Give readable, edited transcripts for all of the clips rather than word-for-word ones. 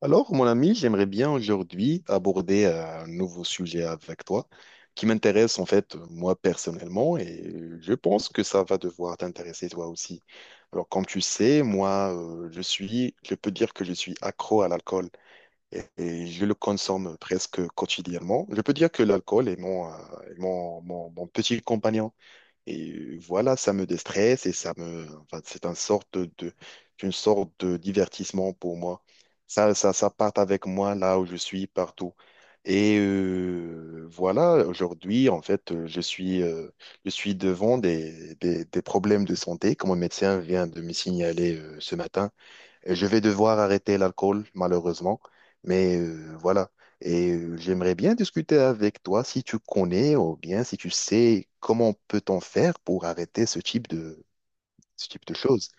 Alors, mon ami, j'aimerais bien aujourd'hui aborder un nouveau sujet avec toi qui m'intéresse en fait moi personnellement, et je pense que ça va devoir t'intéresser toi aussi. Alors, comme tu sais, moi, je peux dire que je suis accro à l'alcool et je le consomme presque quotidiennement. Je peux dire que l'alcool est est mon petit compagnon. Et voilà, ça me déstresse et ça me, enfin, c'est une sorte une sorte de divertissement pour moi. Ça, ça part avec moi là où je suis, partout. Et voilà, aujourd'hui, en fait, je suis devant des problèmes de santé, comme mon médecin vient de me signaler ce matin. Et je vais devoir arrêter l'alcool, malheureusement. Mais voilà. Et j'aimerais bien discuter avec toi si tu connais ou bien si tu sais comment peut-on faire pour arrêter ce type de ce type de choses.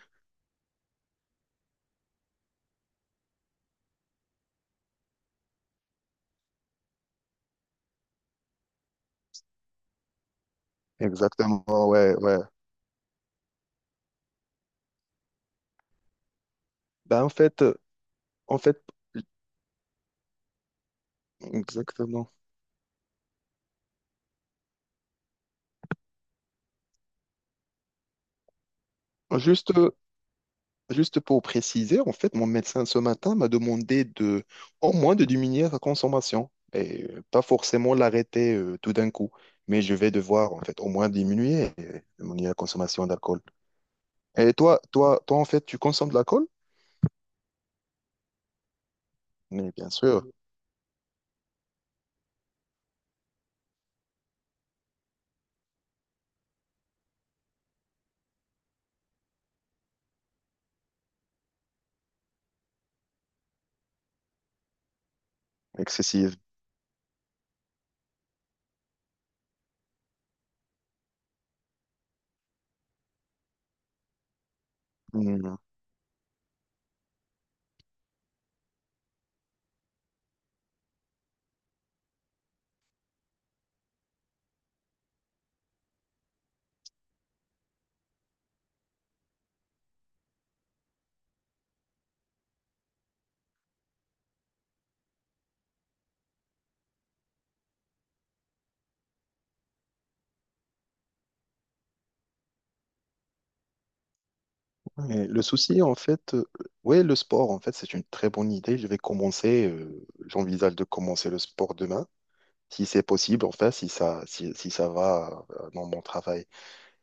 Exactement, ouais, ouais. Ben, en fait, exactement. Juste, Juste pour préciser, en fait, mon médecin ce matin m'a demandé de au moins de diminuer sa consommation et pas forcément l'arrêter tout d'un coup, mais je vais devoir en fait au moins diminuer mon la consommation d'alcool. Et toi en fait, tu consommes de l'alcool? Mais bien sûr, excessive. Hmm. Et le souci en fait, ouais, le sport en fait, c'est une très bonne idée. Je vais commencer, j'envisage de commencer le sport demain, si c'est possible, enfin, si ça va dans mon travail.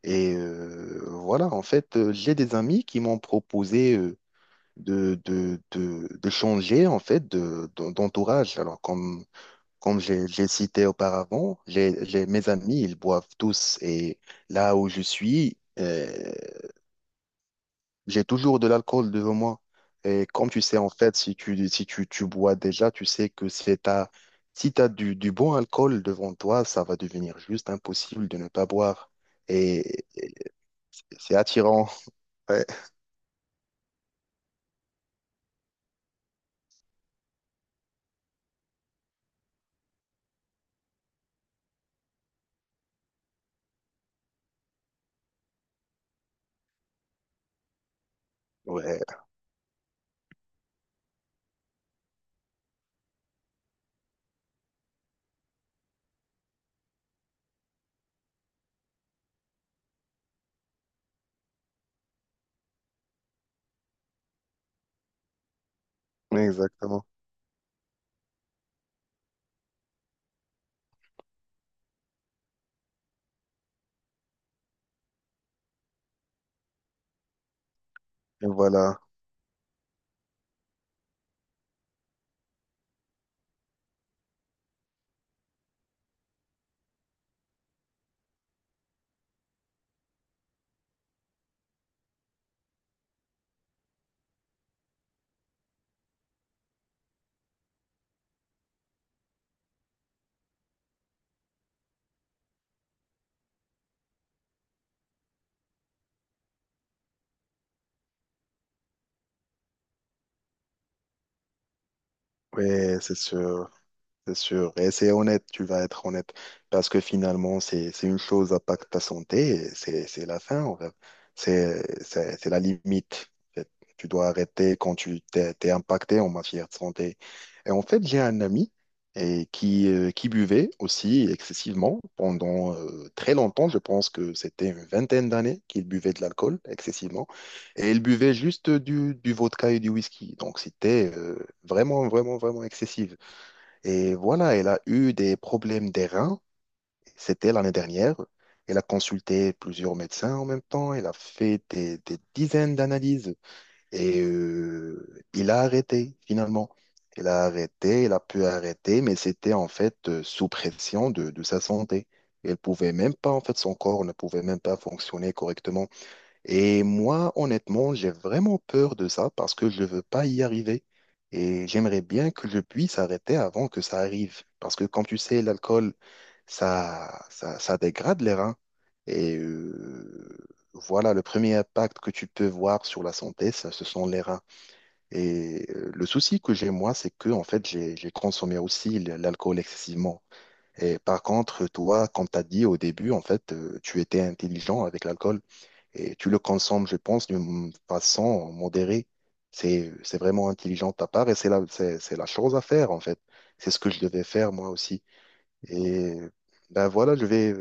Et voilà, en fait, j'ai des amis qui m'ont proposé de changer en fait d'entourage. Alors, comme, comme j'ai cité auparavant, mes amis, ils boivent tous. Et là où je suis, j'ai toujours de l'alcool devant moi. Et comme tu sais, en fait, si tu, si tu, tu bois déjà, tu sais que c'est ta, si tu as du bon alcool devant toi, ça va devenir juste impossible de ne pas boire. Et c'est attirant. Ouais, exactement. Et voilà. Ouais, c'est sûr. C'est sûr, et c'est honnête, tu vas être honnête, parce que finalement, c'est une chose à pas que ta santé, et c'est la fin, en fait. C'est la limite. En fait. Tu dois arrêter quand tu t'es impacté en matière de santé. Et en fait, j'ai un ami et qui buvait aussi excessivement pendant très longtemps. Je pense que c'était une vingtaine d'années qu'il buvait de l'alcool excessivement, et il buvait juste du vodka et du whisky. Donc c'était vraiment vraiment vraiment excessif. Et voilà, elle a eu des problèmes des reins. C'était l'année dernière. Elle a consulté plusieurs médecins en même temps. Elle a fait des dizaines d'analyses. Et il a arrêté, finalement. Elle a arrêté, elle a pu arrêter, mais c'était en fait sous pression de sa santé. Elle pouvait même pas, en fait, son corps ne pouvait même pas fonctionner correctement. Et moi, honnêtement, j'ai vraiment peur de ça parce que je veux pas y arriver. Et j'aimerais bien que je puisse arrêter avant que ça arrive. Parce que, comme tu sais, l'alcool, ça dégrade les reins. Et voilà, le premier impact que tu peux voir sur la santé, ça, ce sont les reins. Et le souci que j'ai, moi, c'est que, en fait, j'ai consommé aussi l'alcool excessivement. Et par contre, toi, comme tu as dit au début, en fait, tu étais intelligent avec l'alcool. Et tu le consommes, je pense, d'une façon modérée. C'est vraiment intelligent de ta part et c'est c'est la chose à faire, en fait. C'est ce que je devais faire, moi aussi. Et ben voilà,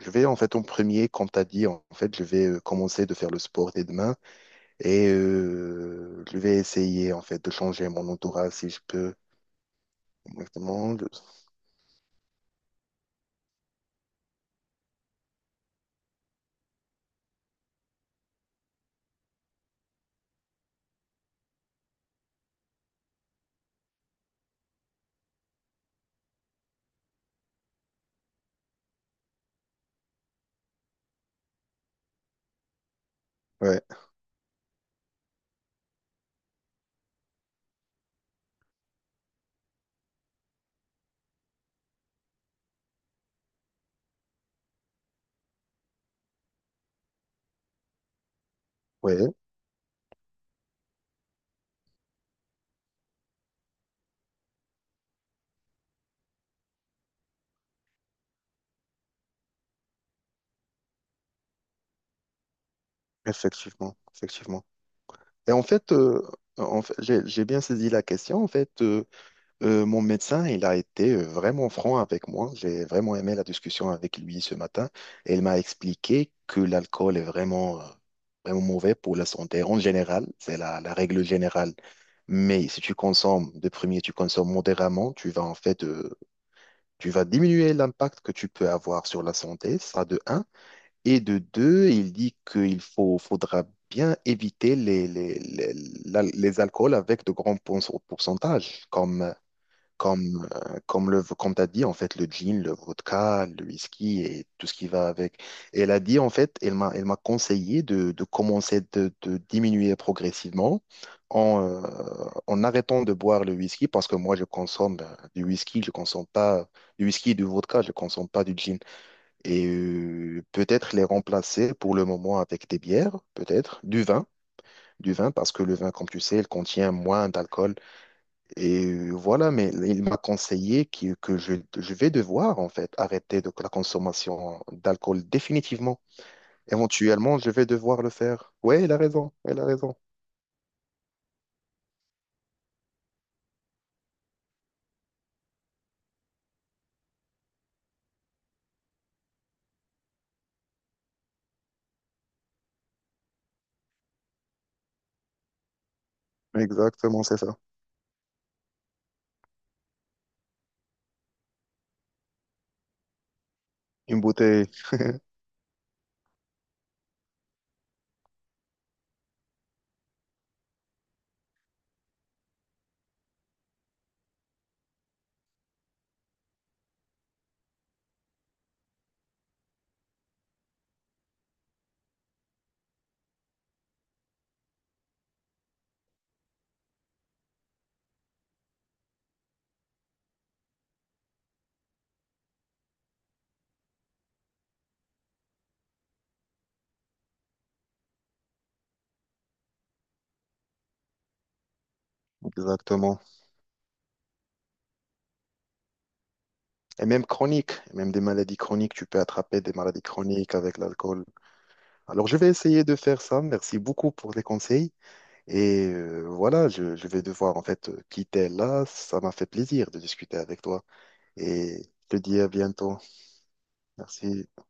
je vais, en fait, en premier, comme tu as dit, en fait, je vais commencer de faire le sport dès demain et je vais essayer, en fait, de changer mon entourage si je peux. Exactement. De- Ouais, ouais, effectivement, effectivement. Et en fait, j'ai bien saisi la question, en fait. Mon médecin, il a été vraiment franc avec moi. J'ai vraiment aimé la discussion avec lui ce matin. Et il m'a expliqué que l'alcool est vraiment mauvais pour la santé en général. C'est la règle générale. Mais si tu consommes, de premier, tu consommes modérément, tu vas en fait, tu vas diminuer l'impact que tu peux avoir sur la santé, ça de un. Et de deux, il dit faudra bien éviter les, les alcools avec de grands pourcentages, comme comme t'as dit, en fait, le gin, le vodka, le whisky et tout ce qui va avec. Et elle a dit, en fait, elle m'a conseillé de commencer de diminuer progressivement en, euh, en arrêtant de boire le whisky parce que moi, je consomme du whisky, je consomme pas du whisky et du vodka, je consomme pas du gin. Et peut-être les remplacer pour le moment avec des bières, peut-être, du vin. Du vin, parce que le vin, comme tu sais, il contient moins d'alcool et voilà, mais il m'a conseillé que je vais devoir, en fait, arrêter de la consommation d'alcool définitivement. Éventuellement, je vais devoir le faire. Ouais, il a raison, il a raison. Exactement, c'est ça. Une bouteille, exactement. Et même chronique, même des maladies chroniques, tu peux attraper des maladies chroniques avec l'alcool. Alors, je vais essayer de faire ça. Merci beaucoup pour les conseils. Et voilà, je vais devoir, en fait, quitter là. Ça m'a fait plaisir de discuter avec toi. Et je te dis à bientôt. Merci.